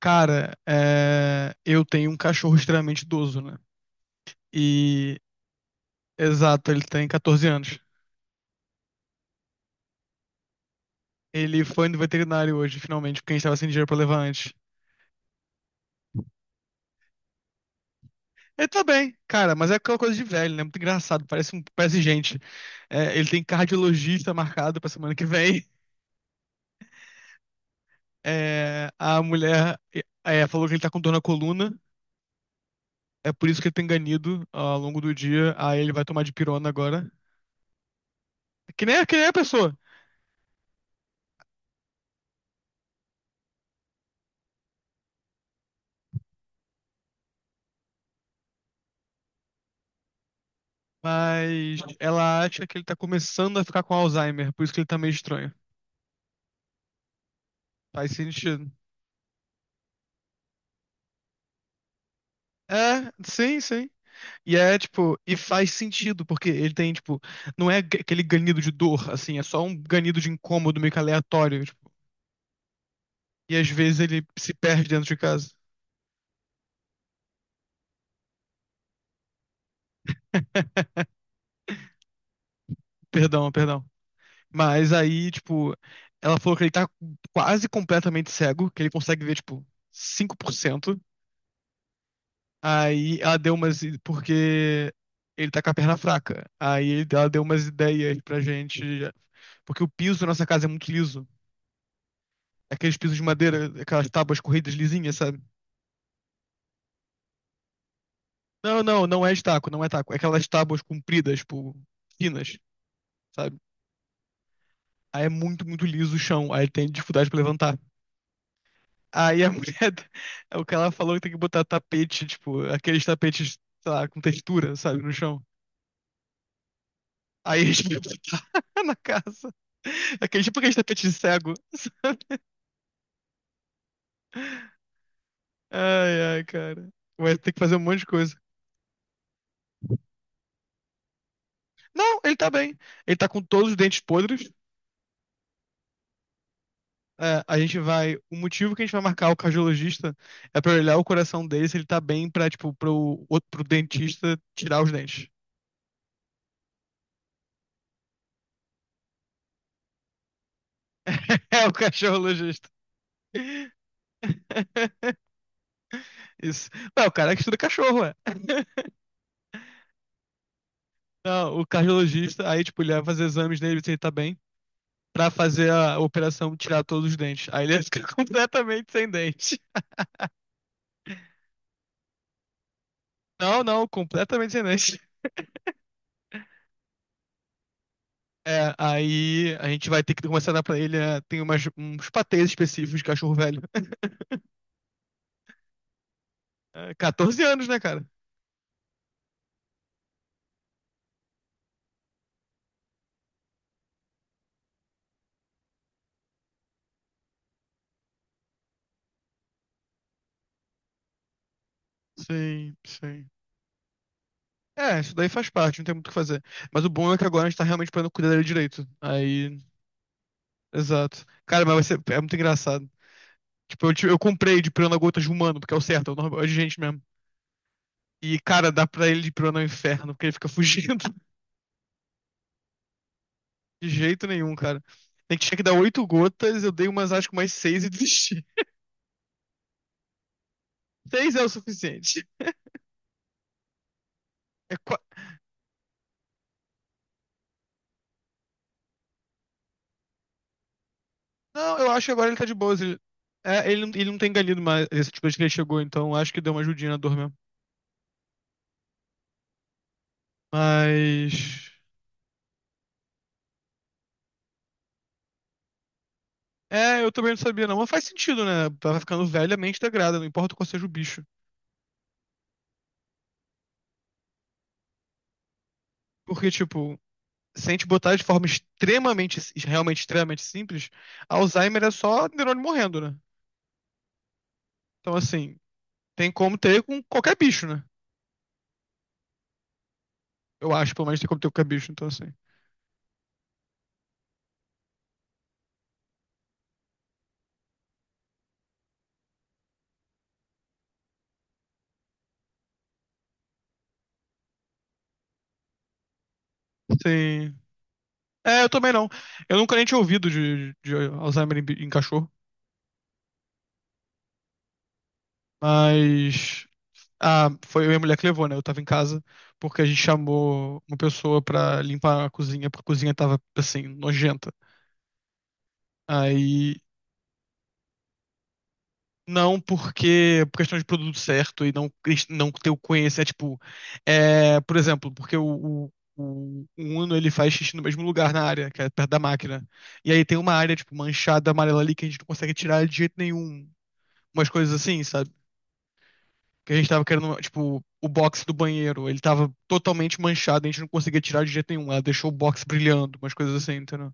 Cara, eu tenho um cachorro extremamente idoso, né? E, exato, ele tem 14 anos. Ele foi no veterinário hoje, finalmente, porque a gente tava sem dinheiro pra levar antes. Ele tá bem, cara, mas é aquela coisa de velho, né? Muito engraçado, parece, parece gente. É, ele tem cardiologista marcado pra semana que vem. É, a mulher falou que ele tá com dor na coluna, é por isso que ele tem ganido ao longo do dia. Aí ele vai tomar dipirona agora. Que nem a pessoa. Mas ela acha que ele tá começando a ficar com Alzheimer, por isso que ele tá meio estranho. Faz sentido. É, sim, sim. E é tipo, e faz sentido, porque ele tem, tipo, não é aquele ganido de dor, assim, é só um ganido de incômodo meio que aleatório, tipo. E às vezes ele se perde dentro de casa. Perdão, perdão. Mas aí, tipo, ela falou que ele tá quase completamente cego, que ele consegue ver, tipo, 5%. Aí ela deu umas. Porque ele tá com a perna fraca. Aí ela deu umas ideias pra gente. Porque o piso da nossa casa é muito liso. Aqueles pisos de madeira, aquelas tábuas corridas lisinhas, sabe? Não, não, não é estaco, não é taco. É aquelas tábuas compridas, tipo, finas, sabe? Aí é muito, muito liso o chão. Aí tem dificuldade pra levantar. Aí a mulher. O que ela falou que tem que botar tapete, tipo, aqueles tapetes, sei lá, com textura, sabe, no chão. Aí a gente vai botar na casa. Aquele tipo aquele tapete de cego. Ai, ai, cara. Vai ter que fazer um monte de coisa. Não, ele tá bem. Ele tá com todos os dentes podres. É, a gente vai. O motivo que a gente vai marcar o cardiologista é pra olhar o coração dele se ele tá bem pra, tipo, pro dentista tirar os dentes. É o cardiologista. Isso. Não, o cara é que estuda cachorro, é. Não, o cardiologista, aí, tipo, ele vai fazer exames nele, se ele tá bem pra fazer a operação tirar todos os dentes. Aí ele fica completamente sem dente. Não, não, completamente sem dente. É, aí a gente vai ter que começar a dar pra ele. Tem umas, uns patês específicos de cachorro velho. É, 14 anos, né, cara? Sim, sim. É, isso daí faz parte, não tem muito o que fazer. Mas o bom é que agora a gente tá realmente podendo cuidar dele direito. Aí, exato. Cara, mas vai ser, é muito engraçado. Tipo, eu comprei de piranha-gota de humano, porque é o certo, é o normal, é de gente mesmo. E, cara, dá pra ele de piranha no inferno, porque ele fica fugindo. De jeito nenhum, cara. Tem que tinha que dar 8 gotas, eu dei umas, acho que mais seis e desisti. Seis é o suficiente. É qua- Não, eu acho que agora ele tá de boas. Ele... É, ele não tem ganido mais esse tipo de que ele chegou, então acho que deu uma ajudinha na dor mesmo. Mas. É, eu também não sabia, não. Mas faz sentido, né? Vai ficando velha, a mente degrada, não importa qual seja o bicho. Porque, tipo, se a gente botar de forma extremamente, realmente extremamente simples, Alzheimer é só neurônio morrendo, né? Então, assim, tem como ter com qualquer bicho, né? Eu acho, pelo menos, tem como ter o cabicho, então assim. Sim. É, eu também não. Eu nunca nem tinha ouvido de Alzheimer em cachorro. Mas. Ah, foi eu e a mulher que levou, né? Eu tava em casa, porque a gente chamou uma pessoa pra limpar a cozinha, porque a cozinha tava, assim, nojenta. Aí Não, porque por questão de produto certo e não, não ter o conhecimento, tipo, por exemplo, porque o Uno ele faz xixi no mesmo lugar na área, que é perto da máquina. E aí tem uma área, tipo, manchada amarela ali que a gente não consegue tirar de jeito nenhum. Umas coisas assim, sabe? Que a gente tava querendo, tipo, o box do banheiro, ele tava totalmente manchado, a gente não conseguia tirar de jeito nenhum. Ela deixou o box brilhando, umas coisas assim, entendeu?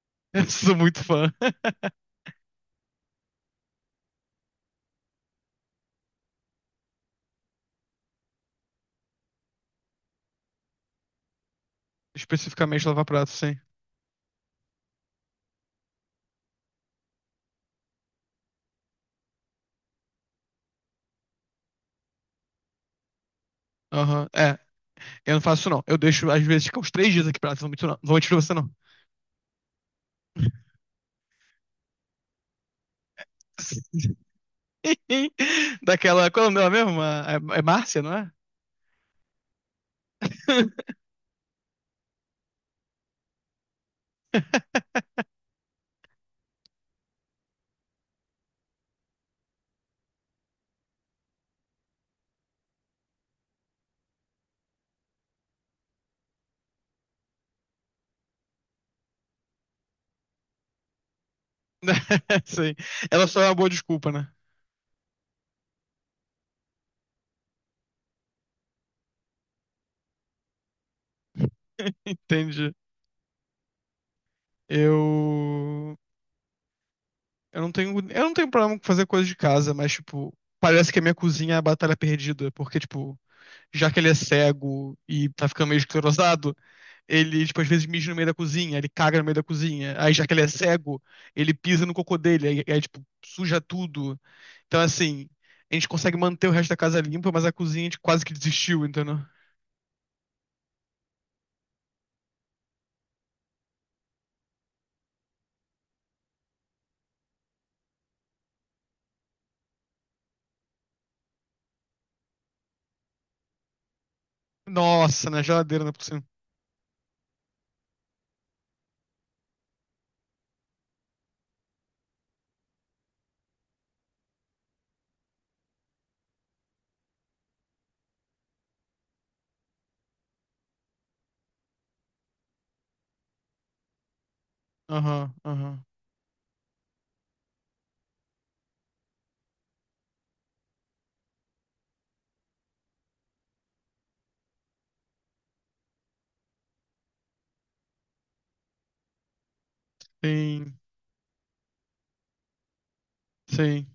Eu sou muito fã. Especificamente lavar prato, sim. Aham. É. Eu não faço isso, não. Eu deixo, às vezes, ficar uns 3 dias aqui pra lá. Não vou mentir, não. Não vou mentir pra você, não. Daquela. Qual é o nome dela mesmo? É Márcia, não é? Sim. Ela só é uma boa desculpa, né? Entendi. Eu. Eu não tenho problema com fazer coisa de casa, mas, tipo, parece que a minha cozinha é a batalha perdida. Porque, tipo, já que ele é cego e tá ficando meio esclerosado, ele, tipo, às vezes mija no meio da cozinha, ele caga no meio da cozinha. Aí, já que ele é cego, ele pisa no cocô dele, aí, tipo, suja tudo. Então, assim, a gente consegue manter o resto da casa limpa, mas a cozinha a gente quase que desistiu, entendeu? Nossa, na geladeira, né, por cima. Aham, aham. Sim, sim.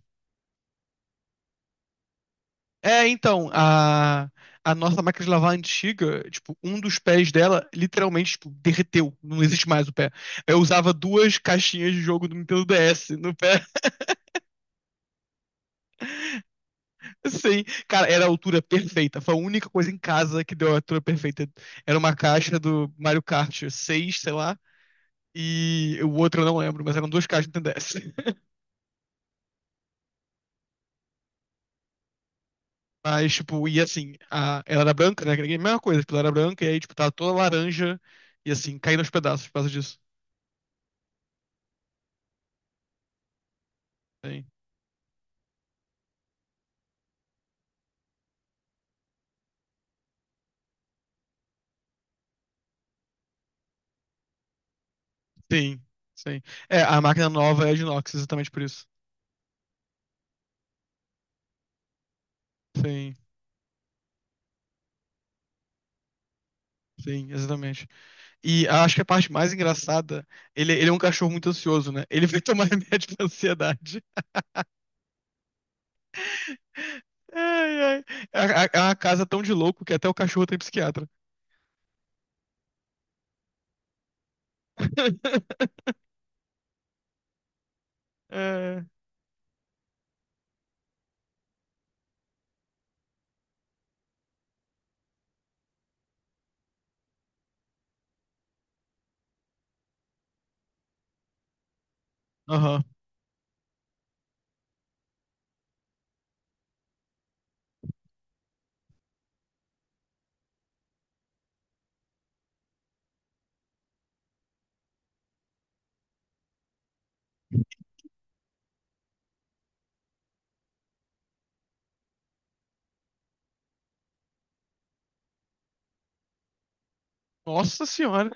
É, então, a nossa máquina de lavar antiga, tipo, um dos pés dela literalmente, tipo, derreteu. Não existe mais o pé. Eu usava duas caixinhas de jogo do Nintendo DS no pé. Sim, cara, era a altura perfeita. Foi a única coisa em casa que deu a altura perfeita. Era uma caixa do Mario Kart 6 sei lá, e o outro eu não lembro, mas eram duas caixas do Nintendo DS. Mas, tipo, e assim, a... ela era branca, né? Que era a mesma coisa, tipo, ela era branca, e aí, tipo, tava toda laranja, e assim, caindo aos pedaços por causa disso. Sim, sim, sim. É, a máquina nova é de inox, exatamente por isso. Sim, sim, exatamente. E acho que a parte mais engraçada, ele é um cachorro muito ansioso, né? Ele vai tomar remédio pra ansiedade. Ai, ai. É uma casa tão de louco que até o cachorro tem psiquiatra. É. Aham. Nossa senhora.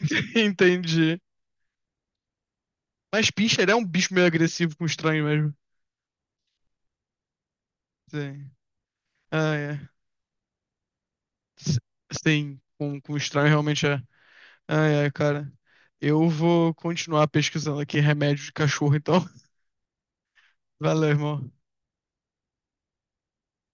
Entendi. Mas Pinscher ele é um bicho meio agressivo com estranho mesmo. Sim. Ah, é. S- Sim, com estranho realmente é. Ai, ai, cara. Eu vou continuar pesquisando aqui remédio de cachorro, então. Valeu, irmão.